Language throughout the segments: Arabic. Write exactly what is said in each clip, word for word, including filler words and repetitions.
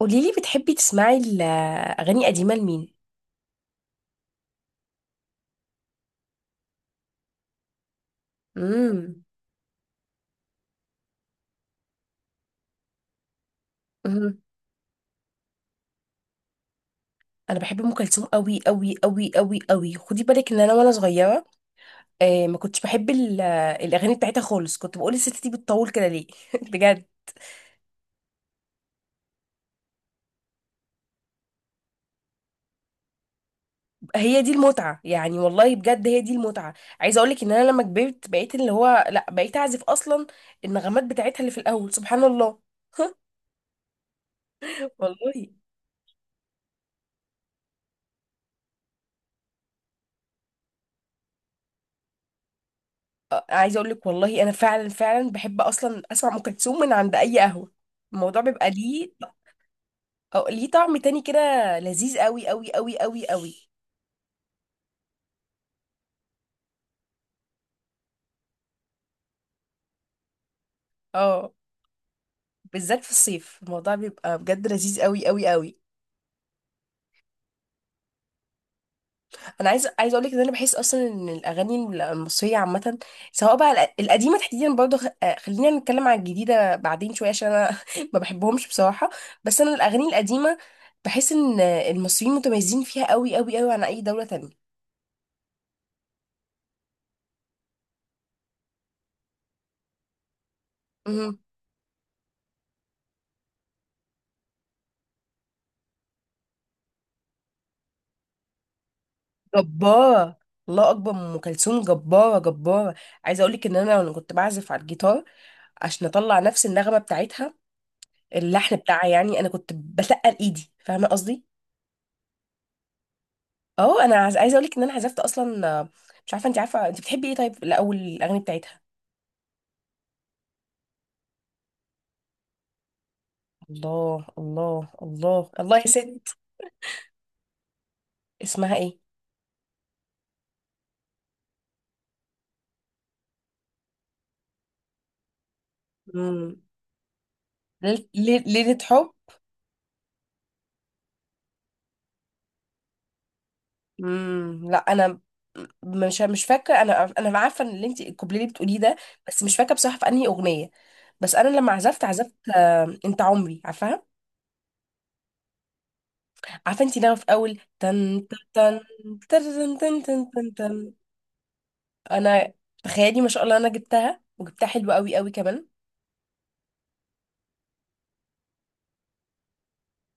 قوليلي بتحبي تسمعي الأغاني قديمة لمين؟ امم. امم. أنا بحب أم كلثوم أوي أوي أوي أوي أوي. خدي بالك إن أنا وأنا صغيرة آه، ما كنتش بحب ال- آه، الأغاني بتاعتها خالص، كنت بقول الست دي بتطول كده ليه؟ بجد. هي دي المتعة يعني، والله بجد هي دي المتعة. عايزة أقولك إن أنا لما كبرت بقيت، اللي هو لأ، بقيت أعزف أصلا. النغمات بتاعتها اللي في الأول سبحان الله. والله آه، عايزة أقولك والله أنا فعلا فعلا بحب أصلا أسمع أم كلثوم من عند أي قهوة. الموضوع بيبقى ليه أو ليه طعم تاني كده لذيذ قوي قوي قوي قوي قوي. اه، بالذات في الصيف الموضوع بيبقى بجد لذيذ قوي قوي قوي. انا عايز عايز اقول لك ان انا بحس اصلا ان الاغاني المصريه عامه، سواء بقى الق- القديمه تحديدا، برضه خ- آه، خلينا نتكلم على الجديده بعدين شويه عشان انا ما بحبهمش بصراحه. بس انا الاغاني القديمه بحس ان المصريين متميزين فيها قوي قوي قوي عن اي دوله تانية. مهم. جباره. الله اكبر، ام كلثوم جباره جباره. عايزه اقول لك ان انا وانا كنت بعزف على الجيتار عشان اطلع نفس النغمه بتاعتها، اللحن بتاعها، يعني انا كنت بتقل ايدي، فاهمه قصدي. اه، انا عايز- عايزه اقول لك ان انا عزفت اصلا آه، مش عارفه انت عارفه انت بتحبي ايه؟ طيب الاول الاغاني بتاعتها. الله الله الله الله يا ست. اسمها ايه؟ امم. ليل- ليل- ليله حب. امم. لا، انا م- مش مش فاكره. انا انا عارفه ان اللي انت الكوبليه اللي بتقوليه ده، بس مش فاكره بصراحه في انهي اغنيه. بس انا لما عزفت عزفت آه، انت عمري عارفاها. عارفه انت لما في اول تن تن تن تن تن تن تن. انا، تخيلي ما شاء الله انا جبتها، وجبتها حلوه قوي قوي كمان.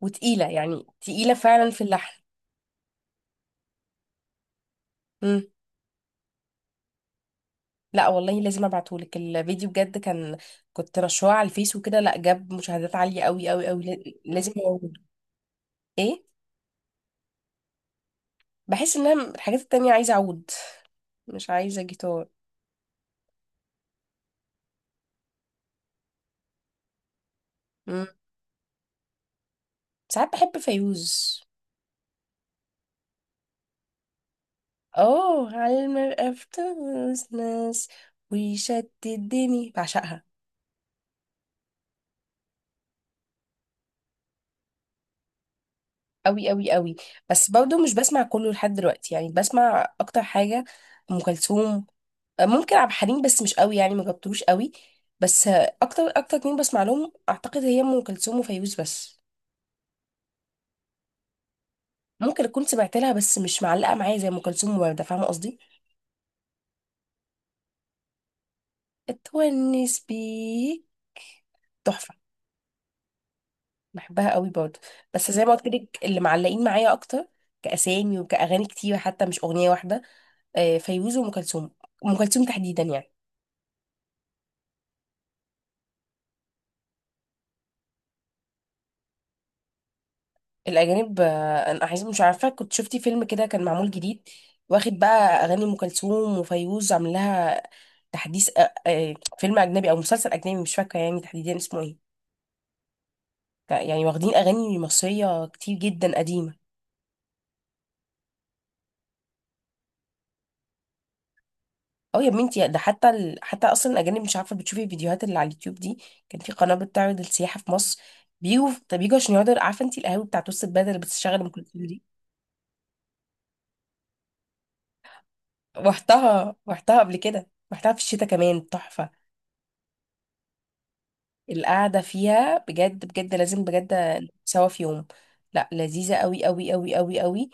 وتقيله يعني، تقيله فعلا في اللحن. مم. لا والله لازم ابعتهولك الفيديو بجد. كان كنت رشوه على الفيس وكده، لا جاب مشاهدات عاليه قوي قوي قوي، لا- لازم اعود. ايه؟ بحس ان انا الحاجات التانية عايزه اعود، مش عايزه جيتار. مم. ساعات بحب فيوز. اه، على المرأة في تونس ناس، ويشتت الدنيا بعشقها قوي قوي قوي. بس برضه مش بسمع كله لحد دلوقتي، يعني بسمع اكتر حاجه ام كلثوم. ممكن عبد الحليم، بس مش قوي يعني، ما جبتوش قوي. بس اكتر اكتر اتنين بسمع لهم اعتقد هي ام كلثوم وفيروز بس. ممكن اكون سمعت لها بس مش معلقه معايا زي ام كلثوم ووردة، فاهمه قصدي. اتونس بيك تحفه. بحبها قوي برضه. بس زي ما قلت لك اللي معلقين معايا اكتر كاسامي وكاغاني كتير، حتى مش اغنيه واحده. آه، فيروز وام كلثوم. ام كلثوم تحديدا يعني. الأجانب، آه، أنا عايزة، مش عارفة كنت شفتي فيلم كده كان معمول جديد، واخد بقى أغاني أم كلثوم وفيروز عامل لها تحديث آه، آه، فيلم أجنبي أو مسلسل أجنبي، مش فاكرة يعني تحديدا اسمه إيه. ف- يعني واخدين أغاني مصرية كتير جدا قديمة. أه يا بنتي، ده حتى ال... حتى أصلا الأجانب، مش عارفة بتشوفي الفيديوهات اللي على اليوتيوب دي، كان في قناة بتعرض السياحة في مصر. بيجوا، طب بيجوا عشان يقعدوا، عارفة أنت القهاوي بتاعت وسط البلد اللي بتشتغل أم كلثوم دي؟ رحتها، رحتها قبل كده. رحتها في الشتاء كمان تحفة. القعدة فيها بجد بجد لازم بجد سوا في يوم. لا، لذيذة قوي قوي قوي قوي قوي.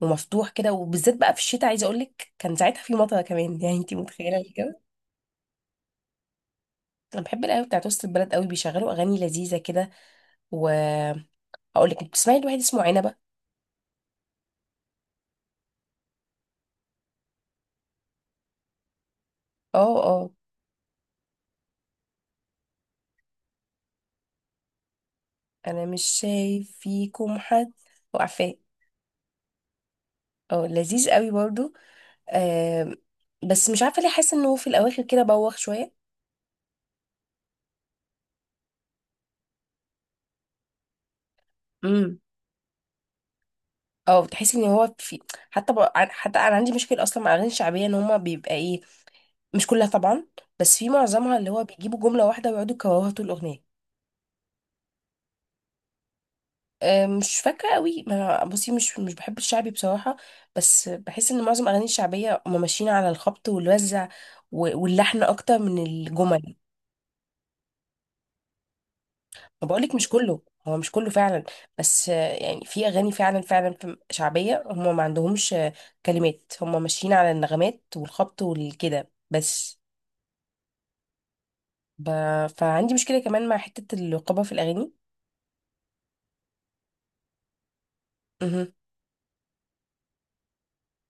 ومفتوح كده، وبالذات بقى في الشتاء، عايزة اقولك كان ساعتها في مطر كمان يعني انتي متخيلة الجو. انا بحب القهوة بتاعت وسط البلد قوي، بيشغلوا اغاني لذيذة كده. واقول لك، بتسمعي لواحد اسمه عنبة؟ اه اه. انا مش شايف فيكم حد. وعفاه. اه، لذيذ قوي برضو. آه. بس مش عارفة ليه حاسة انه في الاواخر كده بوخ شوية. اه، بتحس ان هو في، حتى ب... عن- حتى انا عندي مشكله اصلا مع الاغاني الشعبيه ان هما بيبقى ايه. مش كلها طبعا، بس في معظمها اللي هو بيجيبوا جمله واحده ويقعدوا يكرروها طول الاغنيه. أه مش فاكره قوي، ما أنا- بصي مش مش بحب الشعبي بصراحه. بس بحس ان معظم الاغاني الشعبيه هما ماشيين على الخبط والوزع، و- واللحن اكتر من الجمل. ما بقولك مش كله، هو مش كله فعلا. بس آه، يعني في اغاني فعلا فعلا في- شعبيه هما ما عندهمش آه، كلمات، هما ماشيين على النغمات والخبط والكده بس. ب... فعندي مشكلة كمان مع حتة الرقابة في الأغاني. مهم.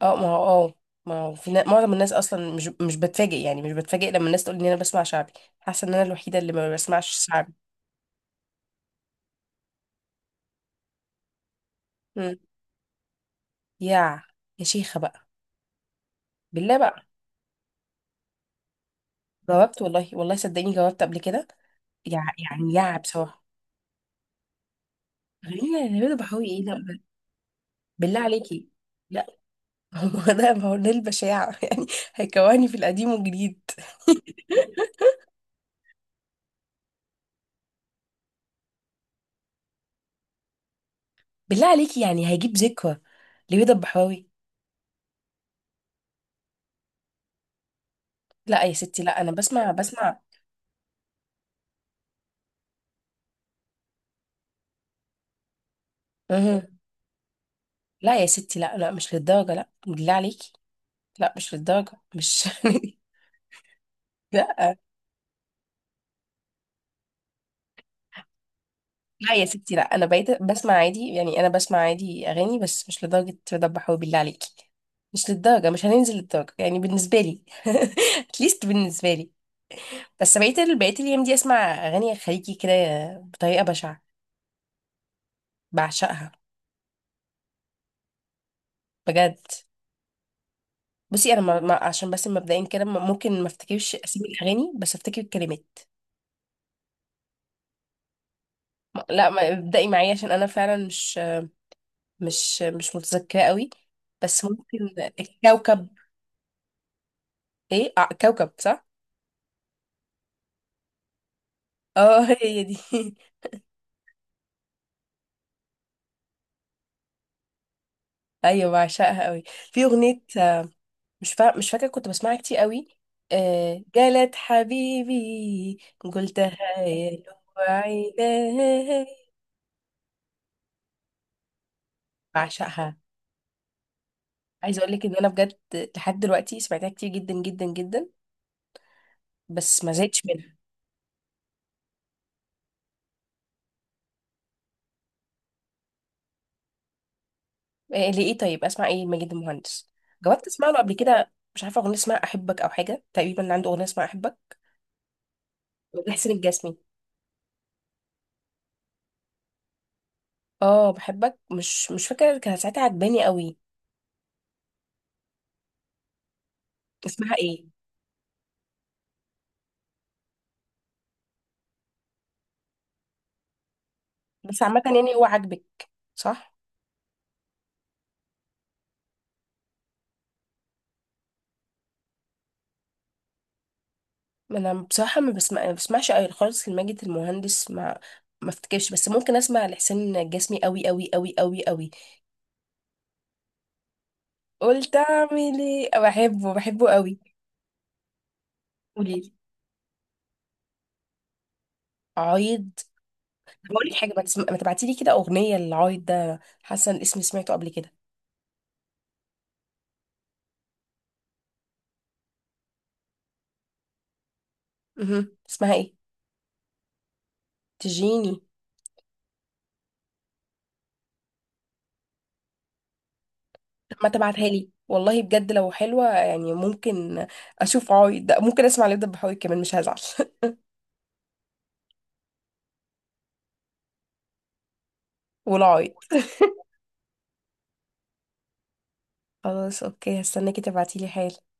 اه، ما هو اه، ما هو في نا- معظم الناس اصلا مش مش بتفاجئ يعني، مش بتفاجئ لما الناس تقول ان انا بسمع شعبي. حاسه ان انا الوحيده اللي ما بسمعش شعبي. مم. يا يا شيخه بقى. بالله بقى. جاوبت والله، والله صدقيني جاوبت قبل كده. يع... يعني يا بصراحه. غنينا يا نبيل بحوي ايه، لا ب- بالله عليكي. لا هو ده، ما هو ده البشاعه يعني، هيكواني في القديم والجديد. بالله عليكي، يعني هيجيب ذكرى لبيضة البحراوي؟ لا يا ستي، لا، انا بسمع بسمع. مهم. لا يا ستي، لا لا، مش للدرجه، لا بالله عليكي. لا، مش للدرجه مش. لا. لا يا ستي لا، انا بقيت بسمع عادي، يعني انا بسمع عادي اغاني بس مش لدرجه رضا حبيبي بالله عليكي. مش للدرجه، مش هننزل للدرجه يعني بالنسبه لي. اتليست بالنسبه لي. بس بقيت ال- بقيت الايام دي اسمع اغاني خليجي كده بطريقه بشعه، بعشقها بجد. بصي انا ما ما- عشان بس مبدئيا كده ما- ممكن ما افتكرش اسامي الاغاني بس افتكر الكلمات. لا ما- ابدأي معايا عشان انا فعلا مش مش مش متذكرة قوي. بس ممكن الكوكب. ايه؟ آه كوكب، صح. اه هي دي. ايوه، بعشقها قوي. في اغنية مش فا... مش فاكرة، كنت بسمعها كتير قوي. آه جالت حبيبي قلتها يا لو عيني. بعشقها. عايزة اقول لك ان انا بجد لحد دلوقتي سمعتها كتير جدا جدا جدا بس ما زهقتش منها. إيه لإيه؟ طيب أسمع إيه ماجد المهندس؟ جربت أسمع له قبل كده، مش عارفة أغنية اسمها أحبك أو حاجة، تقريبا عنده أغنية اسمها أحبك. لحسين الجسمي. اه بحبك، مش مش فاكرة كانت ساعتها عجباني قوي. اسمها إيه؟ بس عامة يعني هو عاجبك، صح؟ ما أنا بصراحة ما بسمع ما بسمعش أوي خالص لماجد المهندس، ما ما افتكرش. بس ممكن اسمع لحسين الجسمي قوي قوي قوي قوي قوي. قلت اعمل ايه، بحبه بحبه قوي. قولي. عايض؟ بقول لك حاجه، ما, تسم... ما تبعتي لي كده اغنيه للعايد ده، حاسه ان اسمي سمعته قبل كده. مهم. اسمها ايه؟ تجيني. ما تبعتها لي والله بجد، لو حلوه يعني ممكن اشوف عايد ده، ممكن اسمع لبدة بحوي كمان مش هزعل. ولا عايد خلاص اوكي، هستناكي تبعتي لي حاجه.